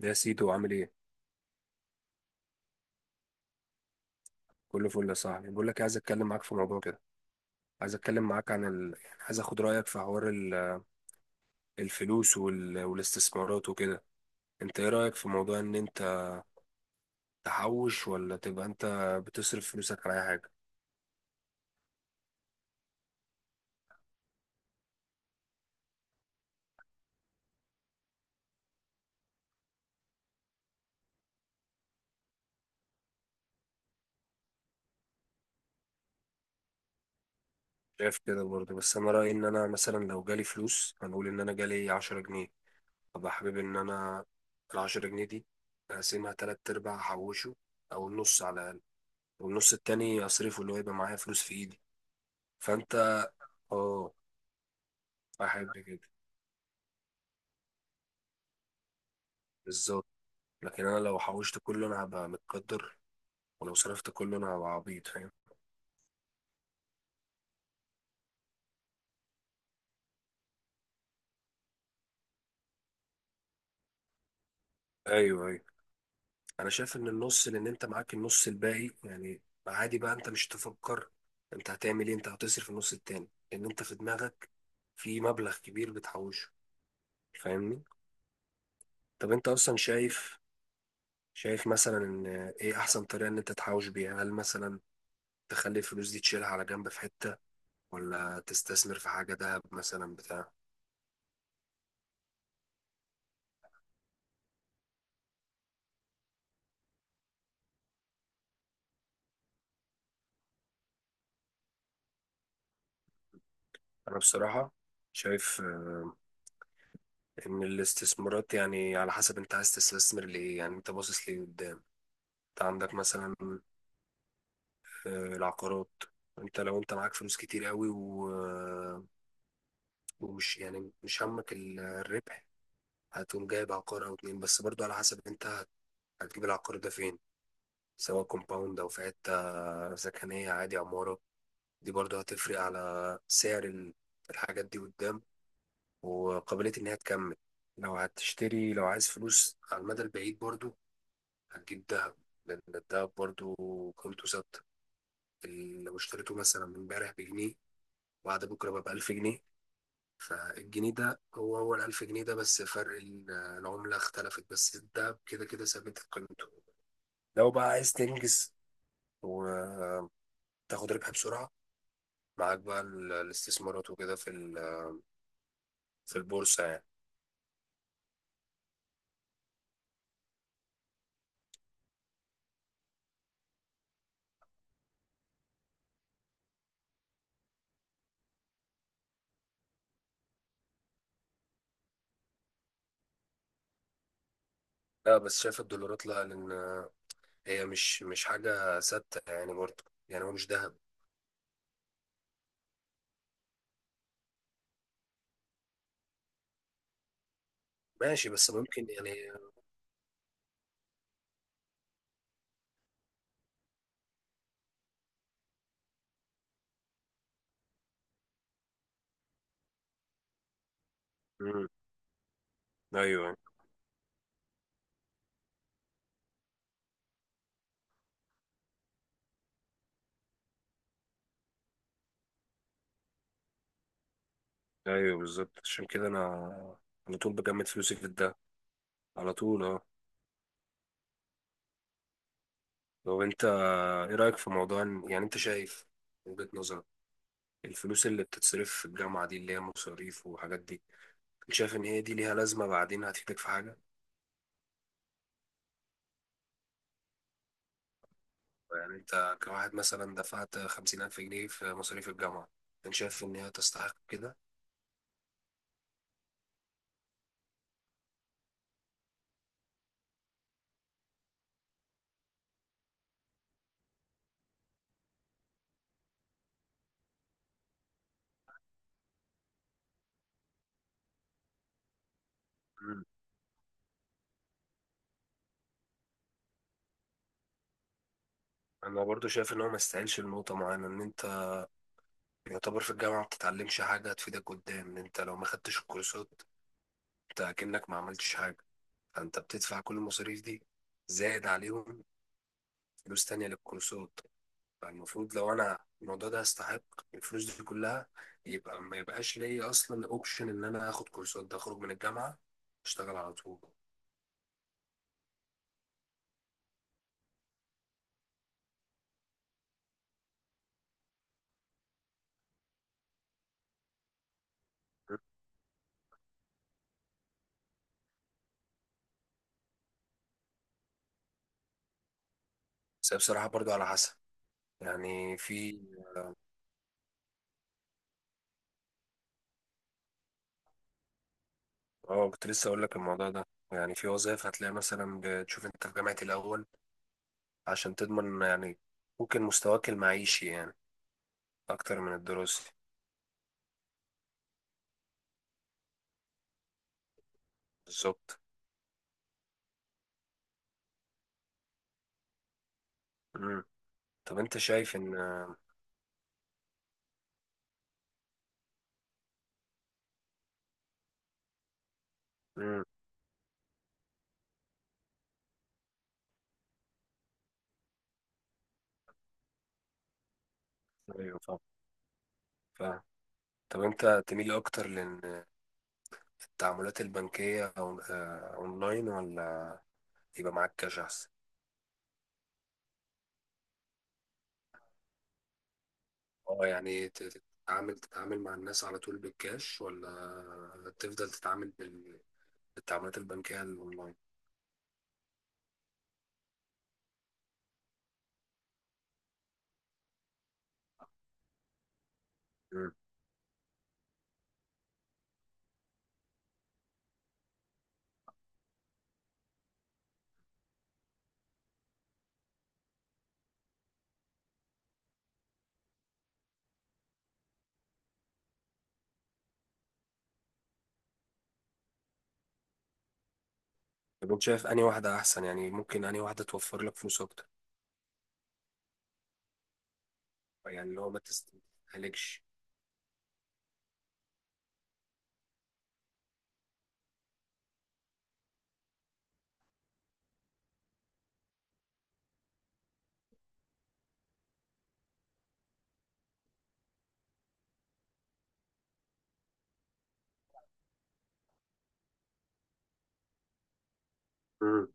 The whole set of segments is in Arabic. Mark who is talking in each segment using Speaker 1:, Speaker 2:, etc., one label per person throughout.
Speaker 1: يا سيدو عامل ايه؟ كله فل يا صاحبي. بقول لك إيه، عايز اتكلم معاك في موضوع كده. عايز اتكلم معاك عن يعني عايز اخد رايك في حوار الفلوس والاستثمارات وكده. انت ايه رايك في موضوع ان انت تحوش، ولا تبقى انت بتصرف فلوسك على اي حاجه؟ شايف كده برضه، بس انا رايي ان انا مثلا لو جالي فلوس، هنقول ان انا جالي 10 جنيه، ابقى حابب ان انا ال 10 جنيه دي اقسمها تلات ارباع احوشه، او النص على الاقل، والنص التاني اصرفه، اللي هو يبقى معايا فلوس في ايدي. فانت، اه، احب كده، بالظبط. لكن انا لو حوشت كله انا هبقى متقدر، ولو صرفت كله انا هبقى عبيط، فاهم. ايوه، ايوه، انا شايف ان النص، لان انت معاك النص الباقي يعني عادي. بقى انت مش تفكر انت هتعمل ايه، انت هتصرف النص التاني، لان انت في دماغك في مبلغ كبير بتحوشه، فاهمني. طب انت اصلا شايف، شايف مثلا ان ايه احسن طريقة ان انت تحوش بيها؟ هل مثلا تخلي الفلوس دي تشيلها على جنب في حتة، ولا تستثمر في حاجة دهب مثلا بتاع؟ انا بصراحة شايف ان الاستثمارات يعني على حسب انت عايز تستثمر لايه، يعني انت باصص ليه قدام. انت عندك مثلا، العقارات. انت لو انت معاك فلوس كتير قوي ومش يعني مش همك الربح، هتقوم جايب عقار او اتنين. بس برضو على حسب انت هتجيب العقار ده فين، سواء كومباوند او في حتة سكنية عادي عمارة، دي برضو هتفرق على سعر الحاجات دي قدام، وقابلية ان هي تكمل. لو هتشتري، لو عايز فلوس على المدى البعيد، برضو هتجيب دهب، لأن الدهب برضو قيمته ثابتة. لو اشتريته مثلا من امبارح بجنيه، وبعد بكرة بقى بألف جنيه، فالجنيه ده هو هو الألف جنيه ده، بس فرق العملة اختلفت، بس الدهب كده كده ثابت قيمته. لو بقى عايز تنجز وتاخد ربح بسرعة، معاك بقى الاستثمارات وكده في في البورصة يعني. لا بس شايف الدولارات لا، لأن هي مش حاجة ثابتة يعني برضه، يعني هو مش ذهب. ماشي، بس ممكن يعني. مم. ايوه، ايوه، بالظبط. عشان كده انا على طول بجمد فلوسي في ده، على طول اه. لو انت، ايه رايك في موضوع يعني انت شايف من وجهة نظرك الفلوس اللي بتتصرف في الجامعه دي، اللي هي مصاريف وحاجات دي، انت شايف ان هي دي ليها لازمه بعدين؟ هتفيدك في حاجه؟ يعني انت كواحد مثلا دفعت 50000 جنيه في مصاريف الجامعه، انت شايف ان هي تستحق كده؟ مم. انا برضو شايف ان هو ما يستاهلش لنقطه معينه، ان انت يعتبر في الجامعه ما بتتعلمش حاجه هتفيدك قدام. ان انت لو ما خدتش الكورسات انت كأنك ما عملتش حاجه، فانت بتدفع كل المصاريف دي زائد عليهم فلوس تانية للكورسات. فالمفروض لو انا الموضوع ده يستحق الفلوس دي كلها، يبقى ما يبقاش ليا اصلا اوبشن ان انا اخد كورسات، ده اخرج من الجامعة اشتغل على طول. بس هي بصراحة برضو على حسب، يعني في، اه كنت لسه اقول لك الموضوع ده، يعني في وظائف هتلاقي مثلا بتشوف انت في جامعة الاول، عشان تضمن يعني ممكن مستواك المعيشي يعني اكتر من الدراسي. بالظبط. مم. طب انت شايف ان، مم. ايوه، فاهم. طب انت تميل اكتر لان التعاملات البنكية اونلاين، ولا يبقى معاك كاش احسن؟ اه، يعني تتعامل مع الناس على طول بالكاش، ولا تفضل تتعامل بالتعاملات البنكية الاونلاين؟ مم. طب انت شايف انهي واحدة احسن؟ يعني ممكن انهي واحدة توفر لك فلوس اكتر، يعني اللي هو ما تستهلكش. مم.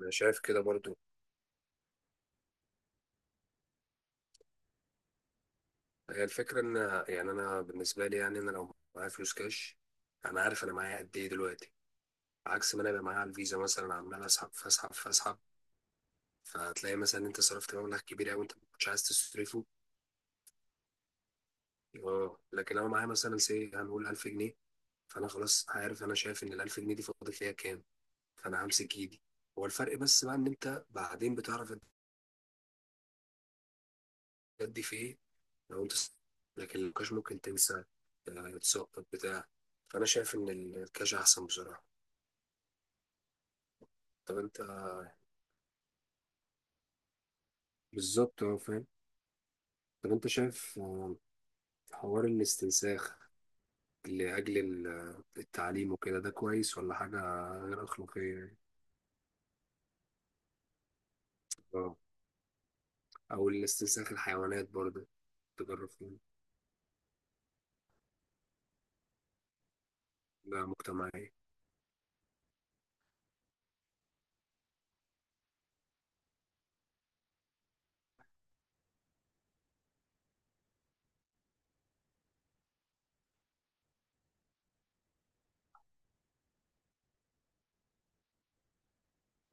Speaker 1: انا شايف كده برضو. هي الفكرة ان، يعني انا بالنسبة لي، يعني انا لو معايا فلوس كاش انا عارف انا معايا قد ايه دلوقتي، عكس ما انا ابقى معايا على الفيزا مثلا، عمال اسحب فاسحب فاسحب، فتلاقي مثلا انت صرفت مبلغ كبير قوي انت ما كنتش عايز تصرفه. اه، لكن لو معايا مثلا سي هنقول 1000 جنيه، فانا خلاص عارف، انا شايف ان ال 1000 جنيه دي فاضل ليا كام، فانا همسك ايدي. هو الفرق بس بقى ان انت بعدين بتعرف تأدي في ايه، لو انت لكن الكاش ممكن تنسى، تسقط بتاع. فانا شايف ان الكاش احسن بصراحة. طب انت، بالظبط، اه، فاهم. طب انت شايف، حوار الاستنساخ لأجل التعليم وكده، ده كويس ولا حاجة غير أخلاقية يعني؟ اه، أو الاستنساخ الحيوانات برضه تجرب فيه، ده مجتمعية.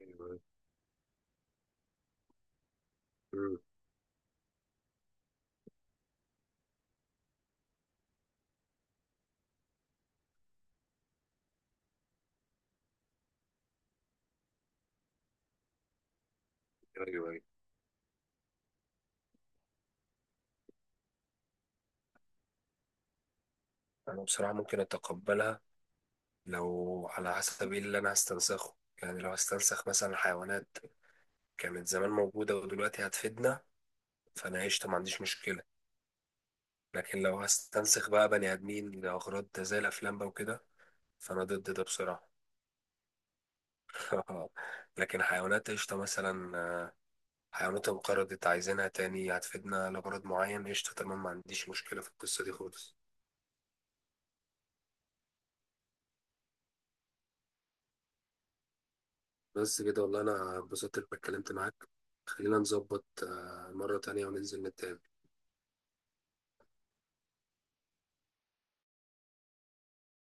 Speaker 1: ايوه. مم. ايوه، ايوه. أنا بصراحة ممكن أتقبلها، لو على حسب إيه اللي أنا هستنسخه. يعني لو هستنسخ مثلا حيوانات كانت زمان موجودة ودلوقتي هتفيدنا، فأنا عشت ما عنديش مشكلة. لكن لو هستنسخ بقى بني آدمين لأغراض زي الأفلام بقى وكده، فأنا ضد ده بصراحة. لكن حيوانات قشطة مثلا، حيوانات انقرضت عايزينها تاني هتفيدنا لغرض معين، قشطة تمام، ما عنديش مشكلة في القصة دي خالص. بس كده، والله أنا اتبسطت إنك اتكلمت معاك. خلينا نظبط مرة تانية وننزل نتقابل.